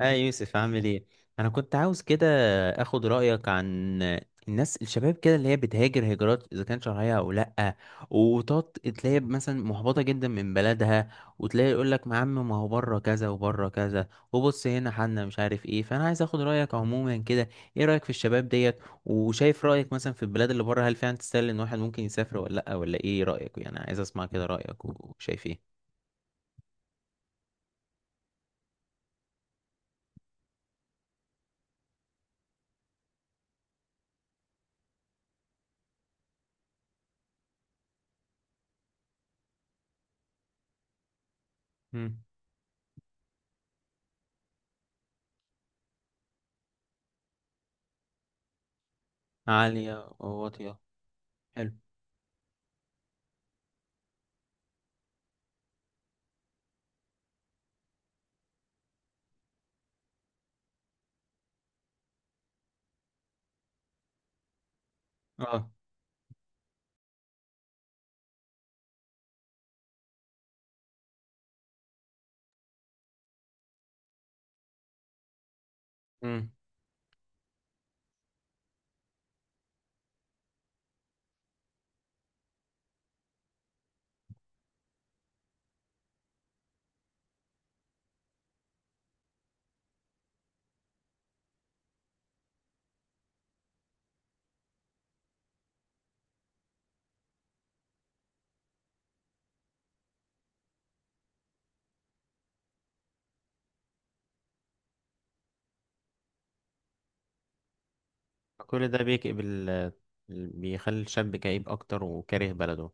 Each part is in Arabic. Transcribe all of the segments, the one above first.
اه يوسف، عامل ايه؟ انا كنت عاوز كده اخد رايك عن الناس الشباب كده، اللي هي بتهاجر هجرات، اذا كان شرعيه او لا، وتقعد تلاقي مثلا محبطه جدا من بلدها، وتلاقي يقول لك ما عم، ما هو بره كذا وبره كذا، وبص هنا حنا مش عارف ايه. فانا عايز اخد رايك عموما كده. ايه رايك في الشباب ديت؟ وشايف رايك مثلا في البلاد اللي بره؟ هل فعلا تستاهل ان واحد ممكن يسافر ولا لا؟ ولا ايه رايك؟ يعني عايز اسمع كده رايك وشايف ايه. مم. عالية وواطية. حلو. اه. مم. كل ده بيكئب بيخلي الشاب كئيب أكتر وكاره بلده.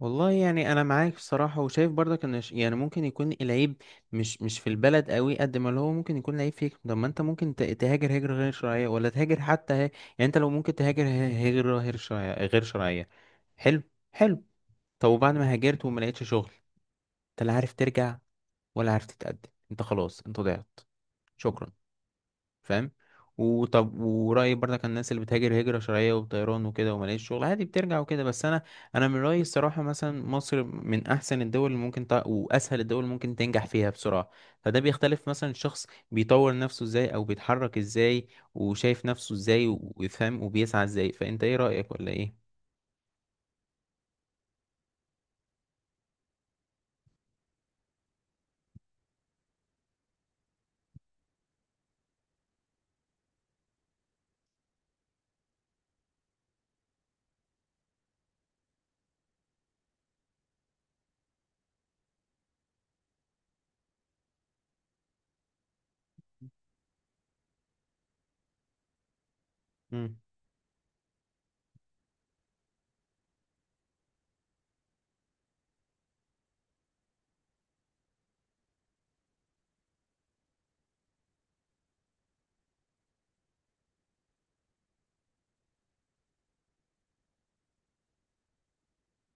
والله يعني انا معاك بصراحه، وشايف برضك ان يعني ممكن يكون العيب، مش في البلد قوي، قد ما اللي هو ممكن يكون العيب فيك. طب ما انت ممكن تهاجر هجره غير شرعيه، ولا تهاجر حتى يعني. انت لو ممكن تهاجر هجره غير شرعيه غير شرعيه. حلو. حلو. طب وبعد ما هاجرت وما لقيتش شغل، انت لا عارف ترجع ولا عارف تتقدم. انت خلاص، انت ضيعت. شكرا. فاهم. وطب ورأيي برضك عن الناس اللي بتهاجر هجرة شرعية وطيران وكده وملاقيش شغل عادي بترجع وكده، بس أنا من رأيي الصراحة مثلا مصر من أحسن الدول اللي ممكن وأسهل الدول اللي ممكن تنجح فيها بسرعة. فده بيختلف مثلا الشخص بيطور نفسه إزاي، أو بيتحرك إزاي، وشايف نفسه إزاي، وفاهم وبيسعى إزاي. فأنت إيه رأيك ولا إيه؟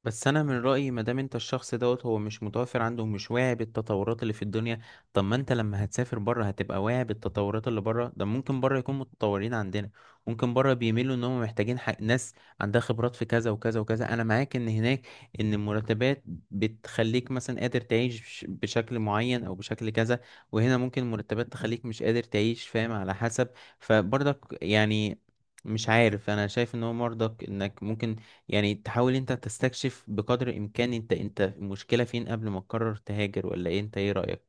بس انا من رايي، ما دام انت الشخص دوت هو مش متوفر عنده ومش واعي بالتطورات اللي في الدنيا، طب ما انت لما هتسافر بره هتبقى واعي بالتطورات اللي بره. ده ممكن بره يكون متطورين عندنا. ممكن بره بيميلوا ان هم محتاجين حق ناس عندها خبرات في كذا وكذا وكذا. انا معاك ان هناك، ان المرتبات بتخليك مثلا قادر تعيش بشكل معين او بشكل كذا. وهنا ممكن المرتبات تخليك مش قادر تعيش، فاهم، على حسب. فبرضك يعني مش عارف، انا شايف ان هو مرضك انك ممكن يعني تحاول انت تستكشف بقدر الامكان، انت المشكلة فين قبل ما تقرر تهاجر ولا ايه. انت ايه رأيك؟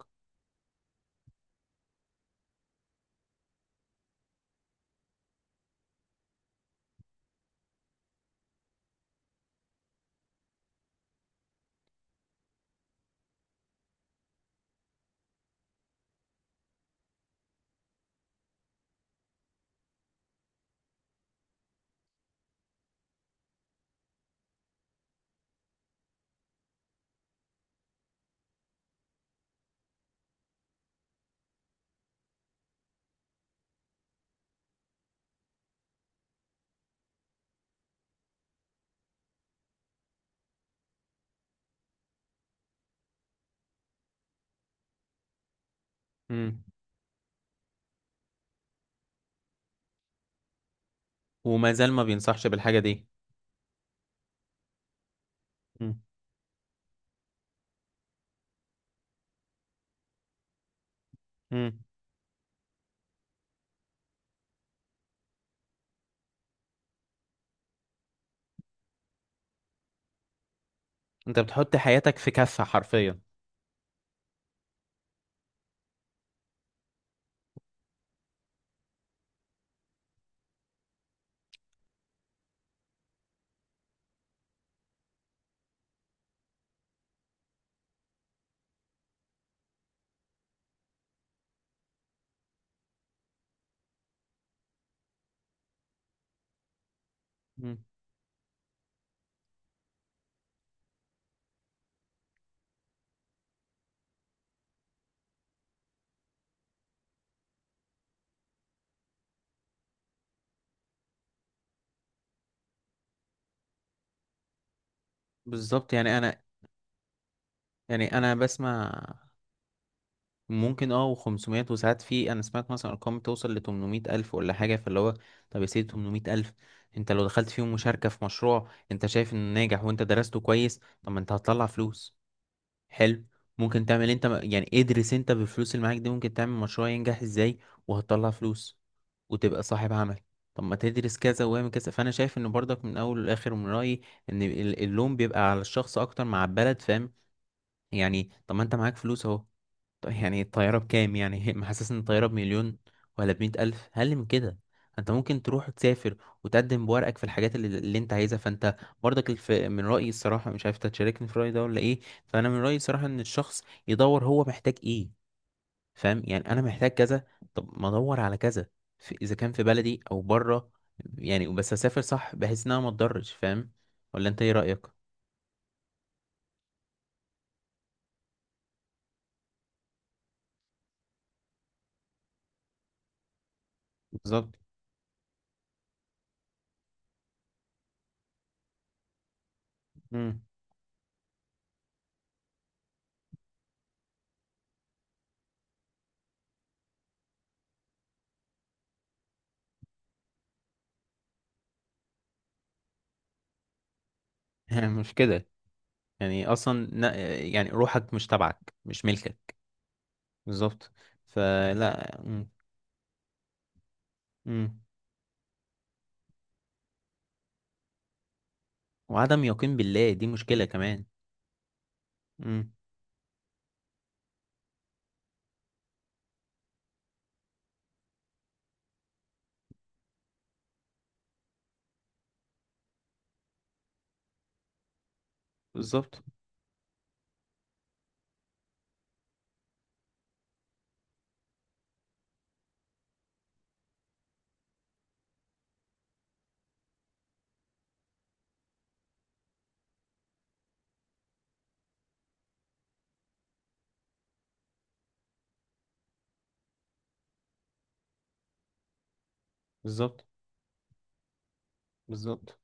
امم. وما زال ما بينصحش بالحاجة دي. امم. انت بتحط حياتك في كفة حرفيا. امم. بالظبط. يعني انا بسمع ممكن و500 وساعات، في انا سمعت مثلا ارقام توصل ل 800 الف ولا حاجه فاللي هو. طب يا سيدي، 800 الف انت لو دخلت فيهم مشاركه في مشروع انت شايف انه ناجح وانت درسته كويس، طب ما انت هتطلع فلوس. حلو. ممكن تعمل انت، يعني ادرس انت بالفلوس اللي معاك دي، ممكن تعمل مشروع ينجح ازاي، وهتطلع فلوس، وتبقى صاحب عمل. طب ما تدرس كذا واعمل كذا. فانا شايف ان برضك من اول لاخر، من رايي ان اللوم بيبقى على الشخص اكتر مع البلد، فاهم. يعني طب ما انت معاك فلوس اهو. طب يعني الطيارة بكام؟ يعني محسس ان الطيارة بمليون، ولا بمية ألف أقل من كده. انت ممكن تروح تسافر وتقدم بورقك في الحاجات اللي انت عايزها. فانت برضك من رأيي الصراحة مش عارف انت تشاركني في رأيي ده ولا ايه. فانا من رأيي الصراحة ان الشخص يدور هو محتاج ايه. فاهم، يعني انا محتاج كذا، طب ما ادور على كذا اذا كان في بلدي او بره. يعني بس اسافر صح بحيث انها ما تضرش. فاهم، ولا انت ايه رأيك؟ بالظبط. مم. مش كده؟ يعني اصلا يعني روحك مش تبعك، مش ملكك. بالظبط. فلا. مم. مم. وعدم يقين بالله دي مشكلة كمان. مم. بالظبط. بالظبط. بالظبط.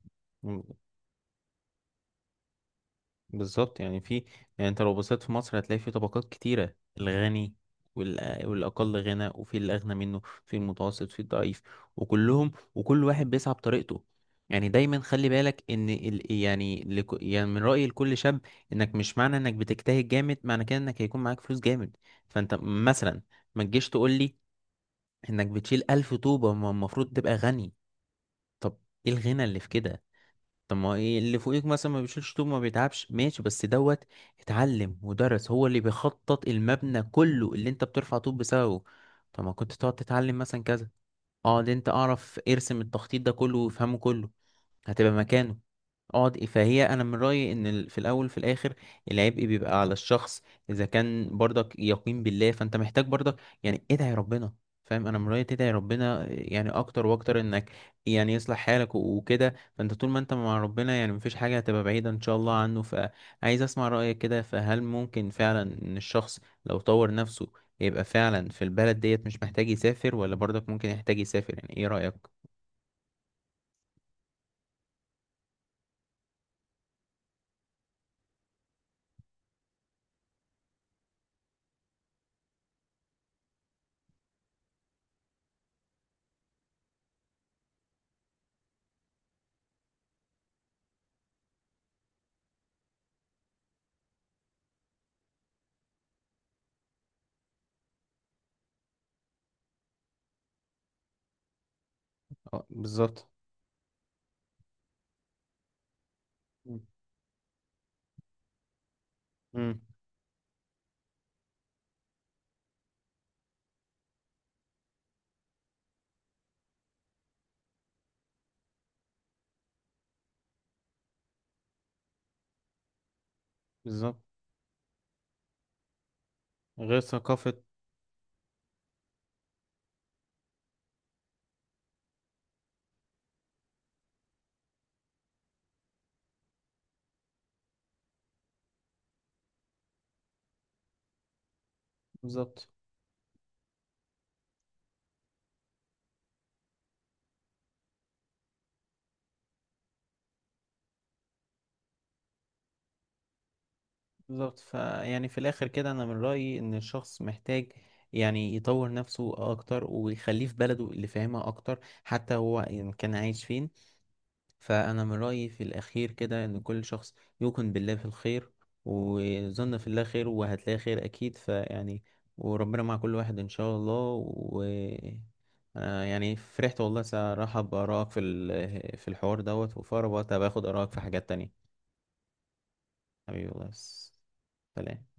بالظبط. يعني في يعني انت لو بصيت في مصر هتلاقي في طبقات كتيرة. الغني والأقل غنى، وفي الأغنى منه، في المتوسط، في الضعيف. وكلهم، وكل واحد بيسعى بطريقته. يعني دايما خلي بالك ان يعني يعني من رأيي لكل شاب، انك مش معنى انك بتجتهد جامد معنى كده انك هيكون معاك فلوس جامد. فانت مثلا ما تجيش تقول لي انك بتشيل ألف طوبة ما المفروض تبقى غني؟ طب ايه الغنى اللي في كده؟ طب ما هو ايه اللي فوقيك مثلا ما بيشيلش طوب ما بيتعبش ماشي، بس دوت اتعلم ودرس، هو اللي بيخطط المبنى كله اللي انت بترفع طوب بسببه. طب ما كنت تقعد تتعلم مثلا كذا؟ اه ده انت اعرف ارسم التخطيط ده كله وافهمه كله، هتبقى مكانه. اه فهي انا من رايي ان في الاول في الاخر العبء بيبقى على الشخص. اذا كان برضك يقين بالله، فانت محتاج برضك يعني ادعي ربنا. فاهم، انا من رايي تدعي ربنا يعني اكتر واكتر، انك يعني يصلح حالك وكده. فانت طول ما انت مع ربنا يعني مفيش حاجه هتبقى بعيده ان شاء الله عنه. فعايز اسمع رايك كده، فهل ممكن فعلا ان الشخص لو طور نفسه يبقى فعلا في البلد ديت مش محتاج يسافر؟ ولا برضك ممكن يحتاج يسافر؟ يعني ايه رايك؟ اه بالظبط. مم. بالظبط. غير ثقافة. بالظبط. بالظبط. فيعني في الاخر كده انا من رأيي ان الشخص محتاج يعني يطور نفسه اكتر، ويخليه في بلده اللي فاهمها اكتر حتى هو ان كان عايش فين. فانا من رأيي في الاخير كده ان كل شخص يوقن بالله في الخير، وظن في الله خير وهتلاقي خير اكيد، فيعني وربنا مع كل واحد ان شاء الله. و يعني فرحت والله صراحة بآرائك في في الحوار دوت، وفي أقرب وقت هباخد آرائك في حاجات تانية. حبيبي والله. بس، سلام.